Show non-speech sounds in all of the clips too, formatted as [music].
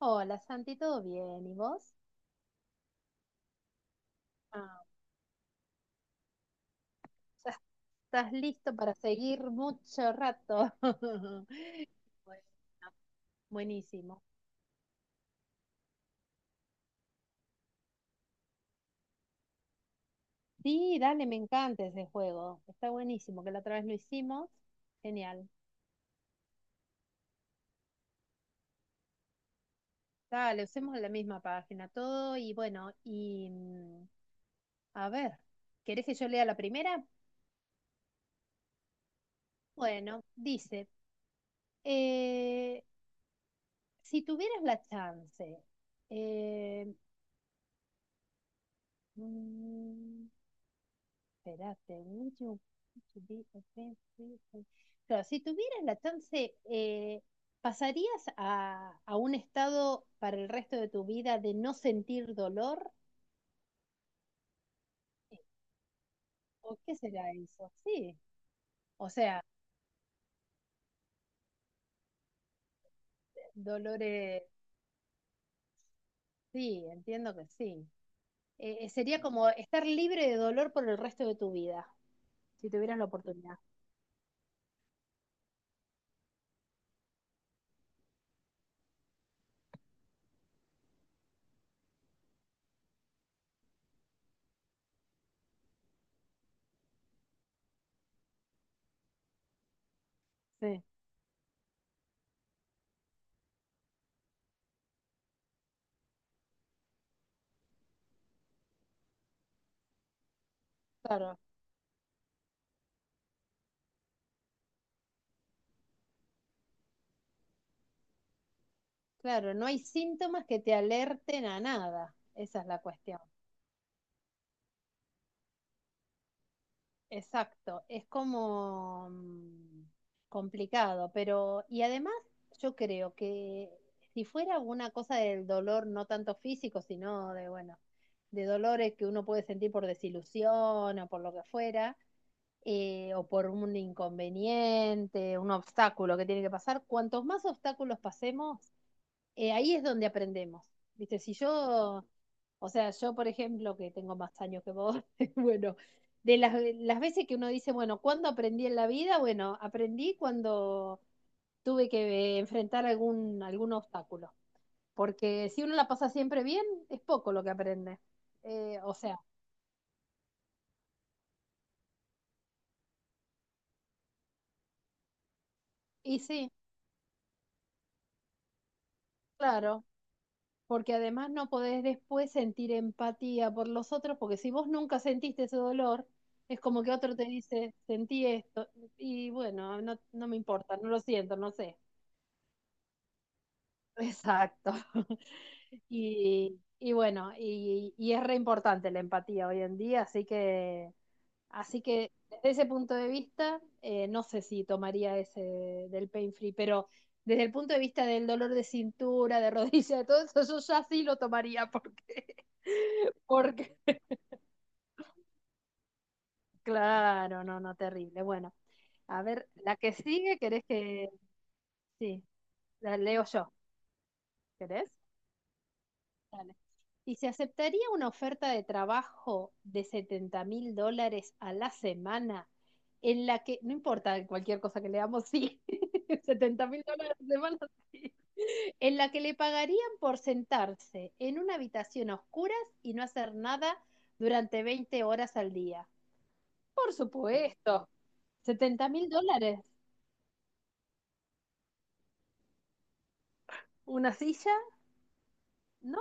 Hola Santi, ¿todo bien? ¿Y vos? Ah, ¿ya estás listo para seguir mucho rato? [laughs] Bueno. Buenísimo. Sí, dale, me encanta ese juego. Está buenísimo, que la otra vez lo hicimos. Genial. Dale, usemos la misma página, todo y bueno, y a ver, ¿querés que yo lea la primera? Bueno, dice, eh, si tuvieras la chance, eh, mm, espérate, would you want to be a friend with. Claro, si tuvieras la chance, ¿pasarías a un estado para el resto de tu vida de no sentir dolor? ¿O qué será eso? Sí, dolores, sí, entiendo que sí. Sería como estar libre de dolor por el resto de tu vida, si tuvieras la oportunidad. Sí, claro, claro, no hay síntomas que te alerten a nada, esa es la cuestión. Exacto, es como complicado, pero y además yo creo que si fuera una cosa del dolor, no tanto físico, sino de, bueno, de dolores que uno puede sentir por desilusión o por lo que fuera, o por un inconveniente, un obstáculo que tiene que pasar. Cuantos más obstáculos pasemos, ahí es donde aprendemos. Viste, si yo, o sea, yo por ejemplo, que tengo más años que vos, [laughs] bueno, de las veces que uno dice, bueno, ¿cuándo aprendí en la vida? Bueno, aprendí cuando tuve que enfrentar algún obstáculo. Porque si uno la pasa siempre bien, es poco lo que aprende. O sea, y sí, claro, porque además no podés después sentir empatía por los otros, porque si vos nunca sentiste ese dolor, es como que otro te dice, sentí esto, y bueno, no, no me importa, no lo siento, no sé. Exacto. [laughs] Y bueno, y es re importante la empatía hoy en día, así que... Así que desde ese punto de vista, no sé si tomaría ese del pain free, pero desde el punto de vista del dolor de cintura, de rodilla, de todo eso, yo ya sí lo tomaría porque... [laughs] Porque claro, no, no, terrible. Bueno, a ver, la que sigue, ¿querés que...? Sí, la leo yo, ¿querés? Dale. Y se aceptaría una oferta de trabajo de $70.000 a la semana, en la que, no importa cualquier cosa que le damos, sí, [laughs] $70.000 a la semana, sí, en la que le pagarían por sentarse en una habitación a oscuras y no hacer nada durante 20 horas al día. Por supuesto, $70.000, una silla, no.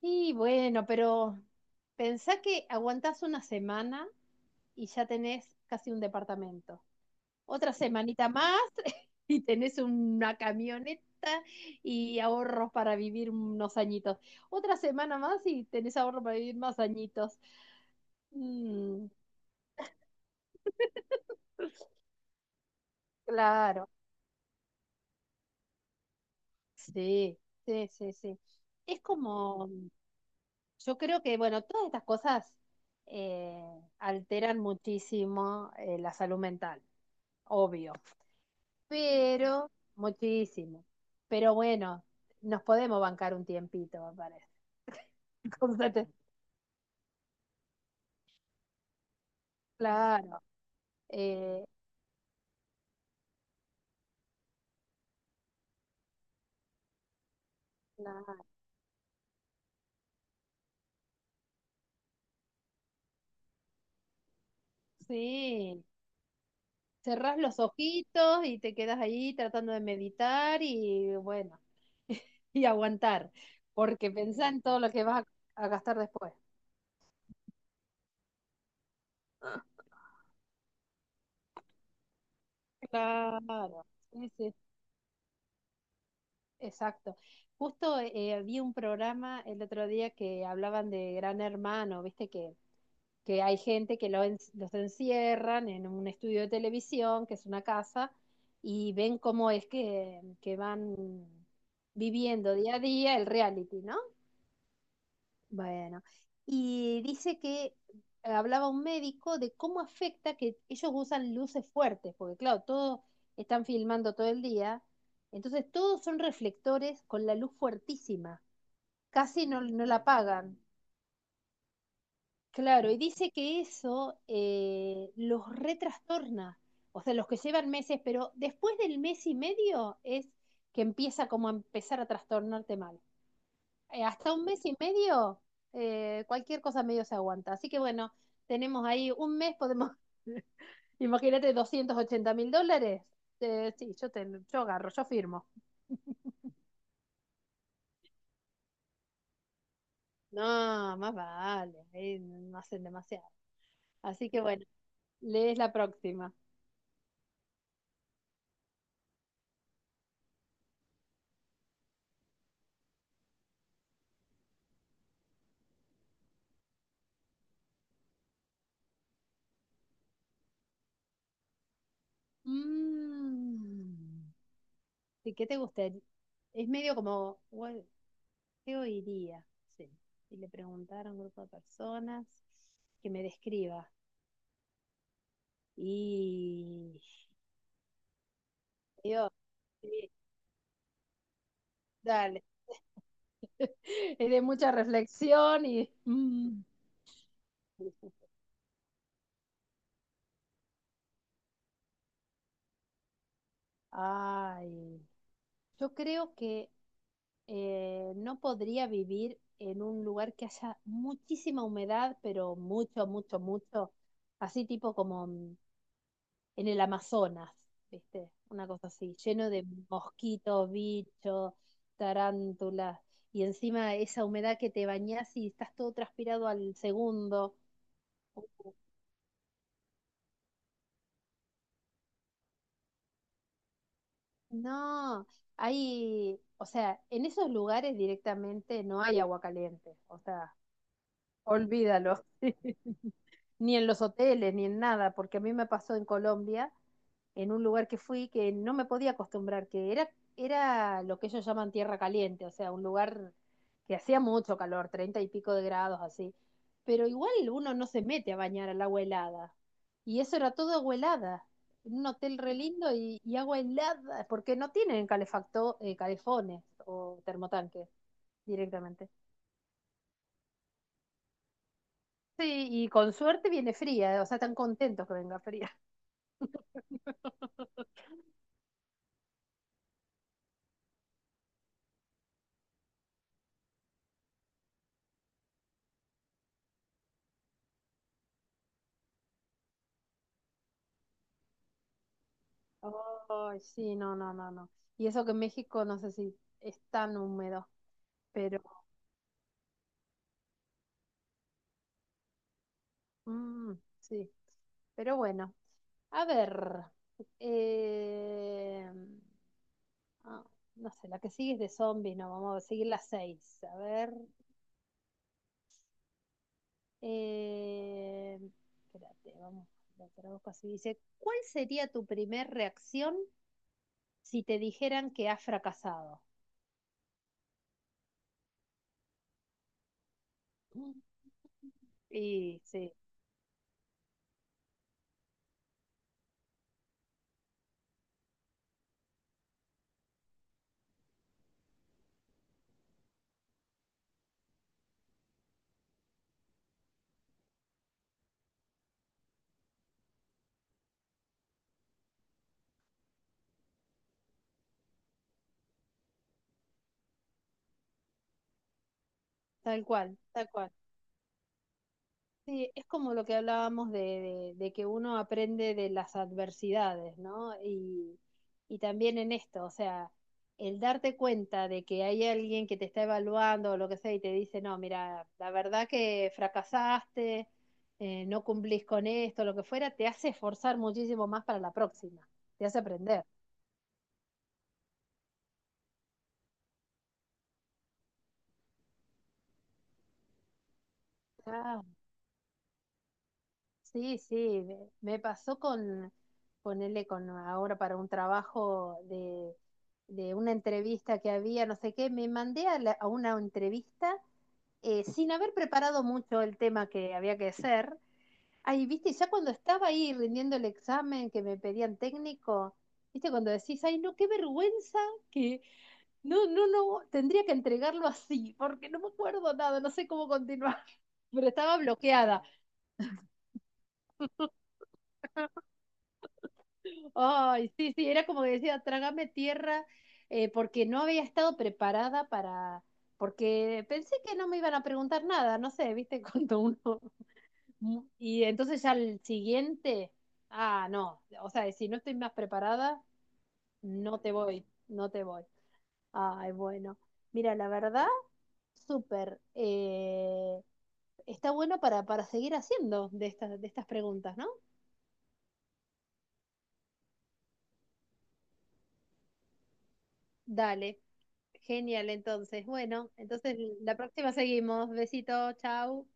Y bueno, pero pensá que aguantás una semana y ya tenés casi un departamento. Otra semanita más [laughs] y tenés una camioneta y ahorros para vivir unos añitos. Otra semana más y tenés ahorros para vivir más añitos. Mm, claro, sí, sí, sí, sí. Es como, yo creo que, bueno, todas estas cosas alteran muchísimo, la salud mental, obvio. Pero muchísimo. Pero bueno, nos podemos bancar un tiempito, me parece. [laughs] Como se te- Claro. Eh, Nada, sí. Cerrás los ojitos y te quedas ahí tratando de meditar y bueno, [laughs] y aguantar, porque pensá en todo lo que vas a gastar después. Claro, sí, sí, exacto. Justo vi un programa el otro día que hablaban de Gran Hermano, viste que hay gente que los encierran en un estudio de televisión, que es una casa, y ven cómo es que van viviendo día a día el reality, ¿no? Bueno, y dice que hablaba un médico de cómo afecta que ellos usan luces fuertes, porque claro, todos están filmando todo el día, entonces todos son reflectores con la luz fuertísima, casi no, no la apagan. Claro, y dice que eso los retrastorna, o sea, los que llevan meses, pero después del mes y medio es que empieza como a empezar a trastornarte mal. Hasta un mes y medio, cualquier cosa medio se aguanta. Así que bueno, tenemos ahí un mes, podemos, [laughs] imagínate, $280.000. Sí, yo agarro, yo firmo. No, más vale, no hacen demasiado. Así que bueno, lees la próxima. Mm. ¿Y qué te gustaría? Es medio como: "Bueno, ¿qué oiría?". Sí. Y le preguntaron a un grupo de personas que me describa. Y yo, sí, dale. [laughs] Es de mucha reflexión y... mm. Ay, yo creo que no podría vivir en un lugar que haya muchísima humedad, pero mucho, mucho, mucho, así tipo como en el Amazonas, ¿viste? Una cosa así, lleno de mosquitos, bichos, tarántulas, y encima esa humedad que te bañás y estás todo transpirado al segundo. No, hay, o sea, en esos lugares directamente no hay agua caliente, o sea... Olvídalo. [laughs] Ni en los hoteles, ni en nada, porque a mí me pasó en Colombia, en un lugar que fui que no me podía acostumbrar, que era lo que ellos llaman tierra caliente, o sea, un lugar que hacía mucho calor, 30 y pico de grados así, pero igual uno no se mete a bañar al agua helada. Y eso era todo agua helada, en un hotel re lindo y agua helada, porque no tienen calefacto, calefones o termotanques directamente. Sí, y con suerte viene fría, o sea, están contentos que venga fría. [laughs] Ay, sí, no, no, no, no. Y eso que México no sé si es tan húmedo, pero mm, sí, pero bueno. A ver, eh, ah, no sé, la que sigue es de zombies, no, vamos a seguir las seis. A ver, eh, espérate, vamos, lo traduzco así. Dice, ¿cuál sería tu primer reacción si te dijeran que has fracasado? Y sí, tal cual, tal cual. Sí, es como lo que hablábamos de, de que uno aprende de las adversidades, ¿no? Y también en esto, o sea, el darte cuenta de que hay alguien que te está evaluando o lo que sea y te dice, no, mira, la verdad que fracasaste, no cumplís con esto, lo que fuera, te hace esforzar muchísimo más para la próxima, te hace aprender. Ah, sí, sí, me pasó con ponerle con ahora para un trabajo de, una entrevista que había, no sé qué, me mandé a una entrevista sin haber preparado mucho el tema que había que hacer. Ahí, viste, ya cuando estaba ahí rindiendo el examen que me pedían técnico, viste, cuando decís, ay, no, qué vergüenza que no, no, no, tendría que entregarlo así, porque no me acuerdo nada, no sé cómo continuar, [laughs] pero estaba bloqueada. Ay, sí, sí, era como que decía, trágame tierra, porque no había estado preparada para, porque pensé que no me iban a preguntar nada, no sé, viste, [laughs] cuando uno, y entonces ya el siguiente, ah, no, o sea, si no estoy más preparada, no te voy, no te voy. Ay, bueno, mira, la verdad, súper, está bueno para, seguir haciendo de estas, preguntas, ¿no? Dale. Genial, entonces. Bueno, entonces la próxima seguimos. Besito, chau.